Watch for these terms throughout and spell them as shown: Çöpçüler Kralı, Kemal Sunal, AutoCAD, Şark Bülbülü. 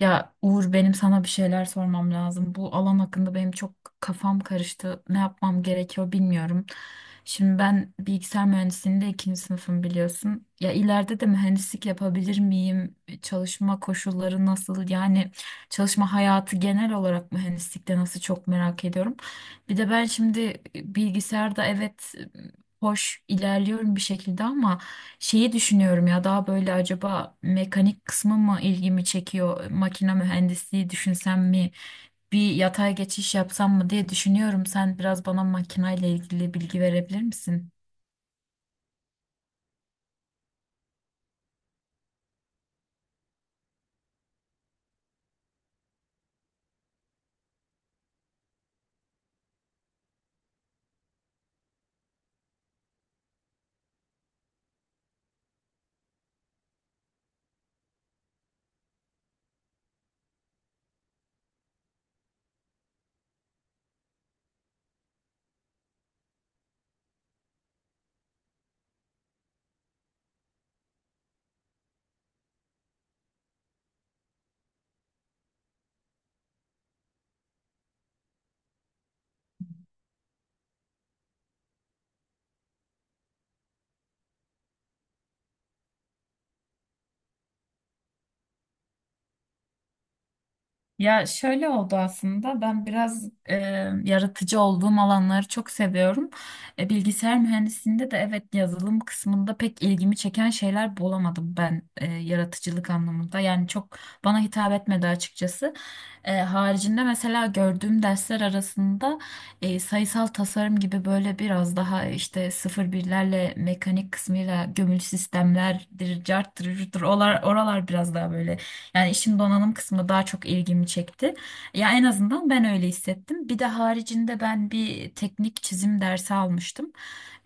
Ya Uğur benim sana bir şeyler sormam lazım. Bu alan hakkında benim çok kafam karıştı. Ne yapmam gerekiyor bilmiyorum. Şimdi ben bilgisayar mühendisliğinde ikinci sınıfım biliyorsun. Ya ileride de mühendislik yapabilir miyim? Çalışma koşulları nasıl? Yani çalışma hayatı genel olarak mühendislikte nasıl, çok merak ediyorum. Bir de ben şimdi bilgisayarda evet, hoş ilerliyorum bir şekilde ama şeyi düşünüyorum, ya daha böyle acaba mekanik kısmı mı ilgimi çekiyor? Makine mühendisliği düşünsem mi? Bir yatay geçiş yapsam mı diye düşünüyorum. Sen biraz bana makineyle ilgili bilgi verebilir misin? Ya şöyle oldu aslında, ben biraz yaratıcı olduğum alanları çok seviyorum. Bilgisayar mühendisliğinde de evet, yazılım kısmında pek ilgimi çeken şeyler bulamadım ben yaratıcılık anlamında. Yani çok bana hitap etmedi açıkçası. Haricinde mesela gördüğüm dersler arasında sayısal tasarım gibi, böyle biraz daha işte sıfır birlerle, mekanik kısmıyla, gömülü sistemlerdir, carttır, curttur, oralar biraz daha böyle, yani işin donanım kısmı daha çok ilgimi çekti. Ya en azından ben öyle hissettim. Bir de haricinde ben bir teknik çizim dersi almıştım.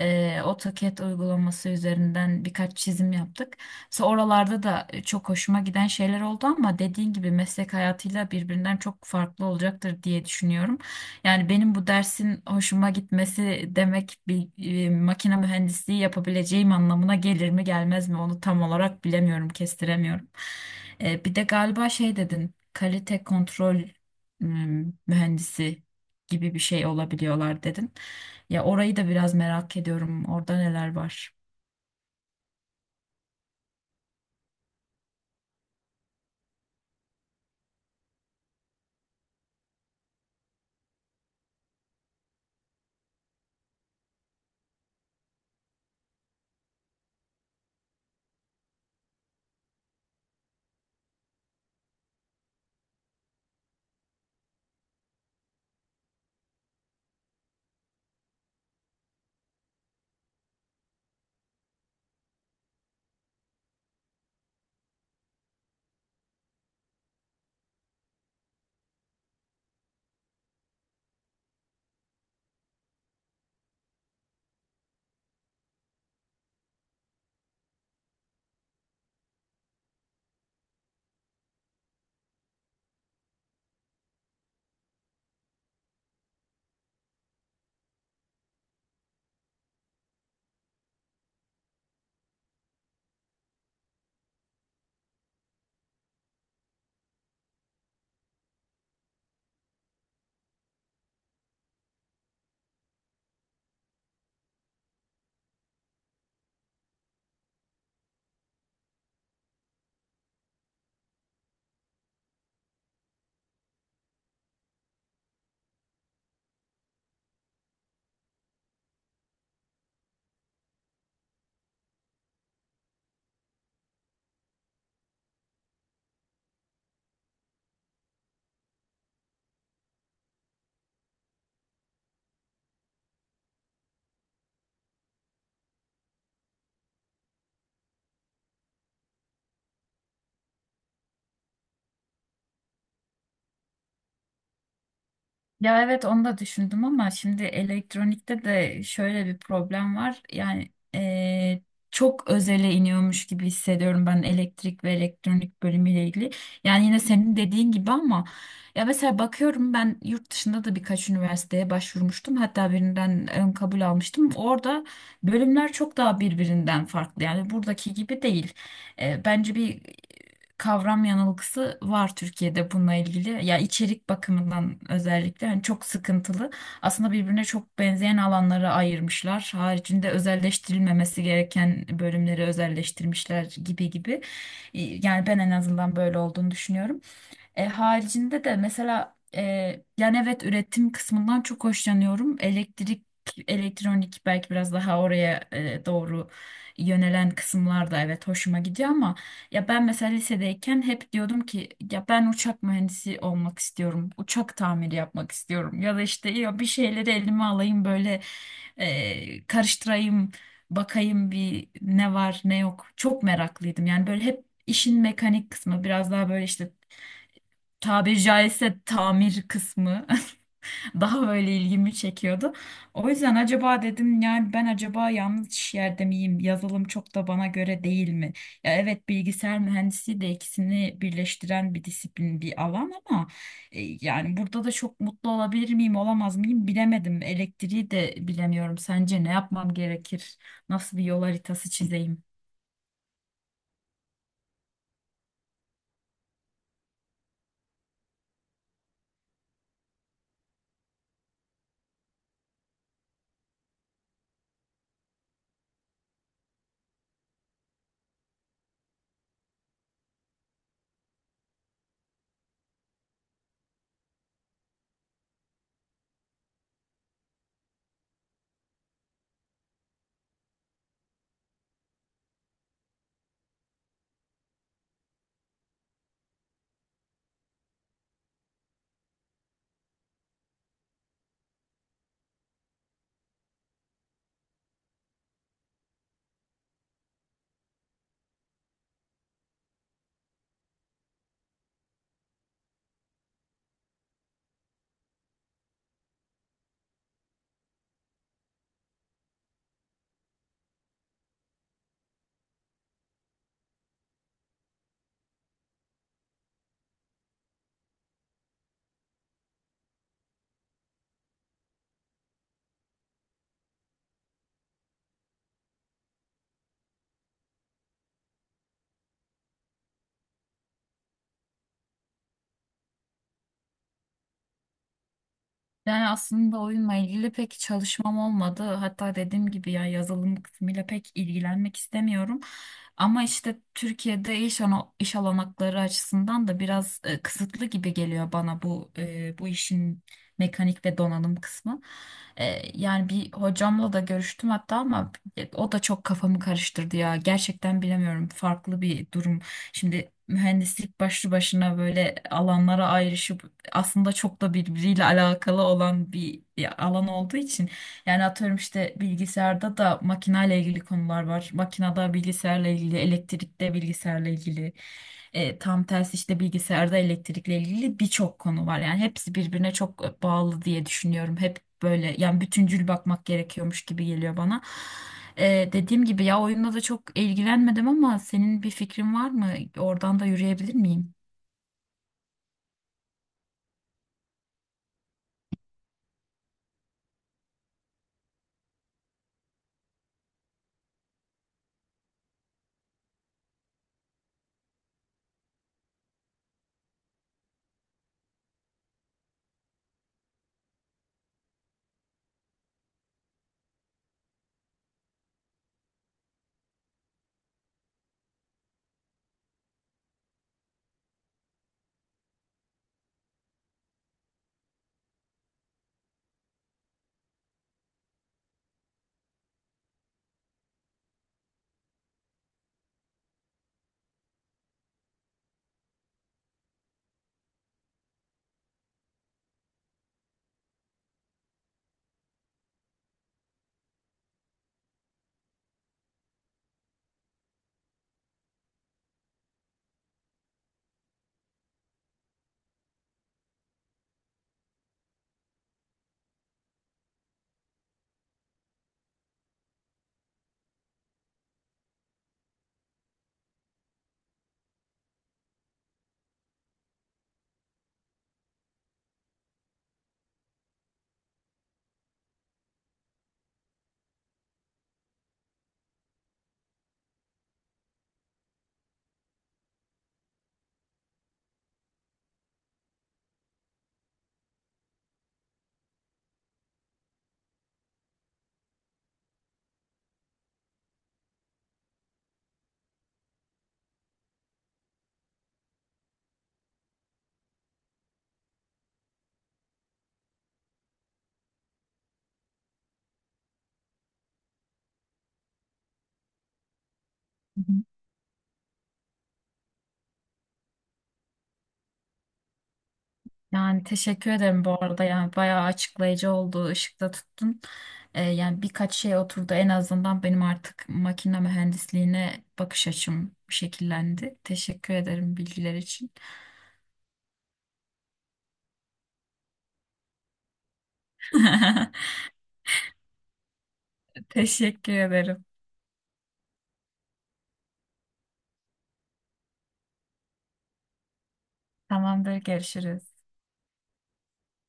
AutoCAD uygulaması üzerinden birkaç çizim yaptık. Sonra oralarda da çok hoşuma giden şeyler oldu ama dediğin gibi meslek hayatıyla birbirinden çok farklı olacaktır diye düşünüyorum. Yani benim bu dersin hoşuma gitmesi demek bir makine mühendisliği yapabileceğim anlamına gelir mi gelmez mi, onu tam olarak bilemiyorum, kestiremiyorum. Bir de galiba şey dedin, kalite kontrol mühendisi gibi bir şey olabiliyorlar dedin. Ya orayı da biraz merak ediyorum. Orada neler var? Ya evet, onu da düşündüm ama şimdi elektronikte de şöyle bir problem var. Yani çok özele iniyormuş gibi hissediyorum ben, elektrik ve elektronik bölümüyle ilgili. Yani yine senin dediğin gibi ama ya mesela bakıyorum, ben yurt dışında da birkaç üniversiteye başvurmuştum. Hatta birinden ön kabul almıştım. Orada bölümler çok daha birbirinden farklı. Yani buradaki gibi değil. Bence bir kavram yanılgısı var Türkiye'de bununla ilgili. Ya içerik bakımından özellikle hani çok sıkıntılı. Aslında birbirine çok benzeyen alanları ayırmışlar. Haricinde özelleştirilmemesi gereken bölümleri özelleştirmişler gibi gibi. Yani ben en azından böyle olduğunu düşünüyorum. Haricinde de mesela yani evet, üretim kısmından çok hoşlanıyorum. Elektrik, elektronik belki biraz daha oraya doğru yönelen kısımlar da evet hoşuma gidiyor ama ya ben mesela lisedeyken hep diyordum ki ya ben uçak mühendisi olmak istiyorum. Uçak tamiri yapmak istiyorum. Ya da işte ya bir şeyleri elime alayım, böyle karıştırayım, bakayım bir ne var ne yok. Çok meraklıydım. Yani böyle hep işin mekanik kısmı biraz daha böyle, işte tabiri caizse tamir kısmı daha böyle ilgimi çekiyordu. O yüzden acaba dedim, yani ben acaba yanlış yerde miyim? Yazılım çok da bana göre değil mi? Ya evet, bilgisayar mühendisliği de ikisini birleştiren bir disiplin, bir alan ama yani burada da çok mutlu olabilir miyim, olamaz mıyım bilemedim. Elektriği de bilemiyorum. Sence ne yapmam gerekir? Nasıl bir yol haritası çizeyim? Yani aslında oyunla ilgili pek çalışmam olmadı. Hatta dediğim gibi ya, yazılım kısmıyla pek ilgilenmek istemiyorum. Ama işte Türkiye'de iş olanakları açısından da biraz kısıtlı gibi geliyor bana bu, bu işin mekanik ve donanım kısmı. E, Yani bir hocamla da görüştüm hatta ama o da çok kafamı karıştırdı ya. Gerçekten bilemiyorum. Farklı bir durum. Şimdi mühendislik başlı başına böyle alanlara ayrışıp aslında çok da birbiriyle alakalı olan bir alan olduğu için, yani atıyorum işte bilgisayarda da makinayla ilgili konular var. Makinada bilgisayarla ilgili, elektrikte bilgisayarla ilgili. Tam tersi işte bilgisayarda elektrikle ilgili birçok konu var. Yani hepsi birbirine çok bağlı diye düşünüyorum. Hep böyle, yani bütüncül bakmak gerekiyormuş gibi geliyor bana. Dediğim gibi ya, oyunla da çok ilgilenmedim ama senin bir fikrin var mı? Oradan da yürüyebilir miyim? Yani teşekkür ederim bu arada, yani bayağı açıklayıcı oldu, ışıkta tuttun. Yani birkaç şey oturdu en azından, benim artık makine mühendisliğine bakış açım şekillendi. Teşekkür ederim bilgiler için. Teşekkür ederim. Tamamdır, görüşürüz.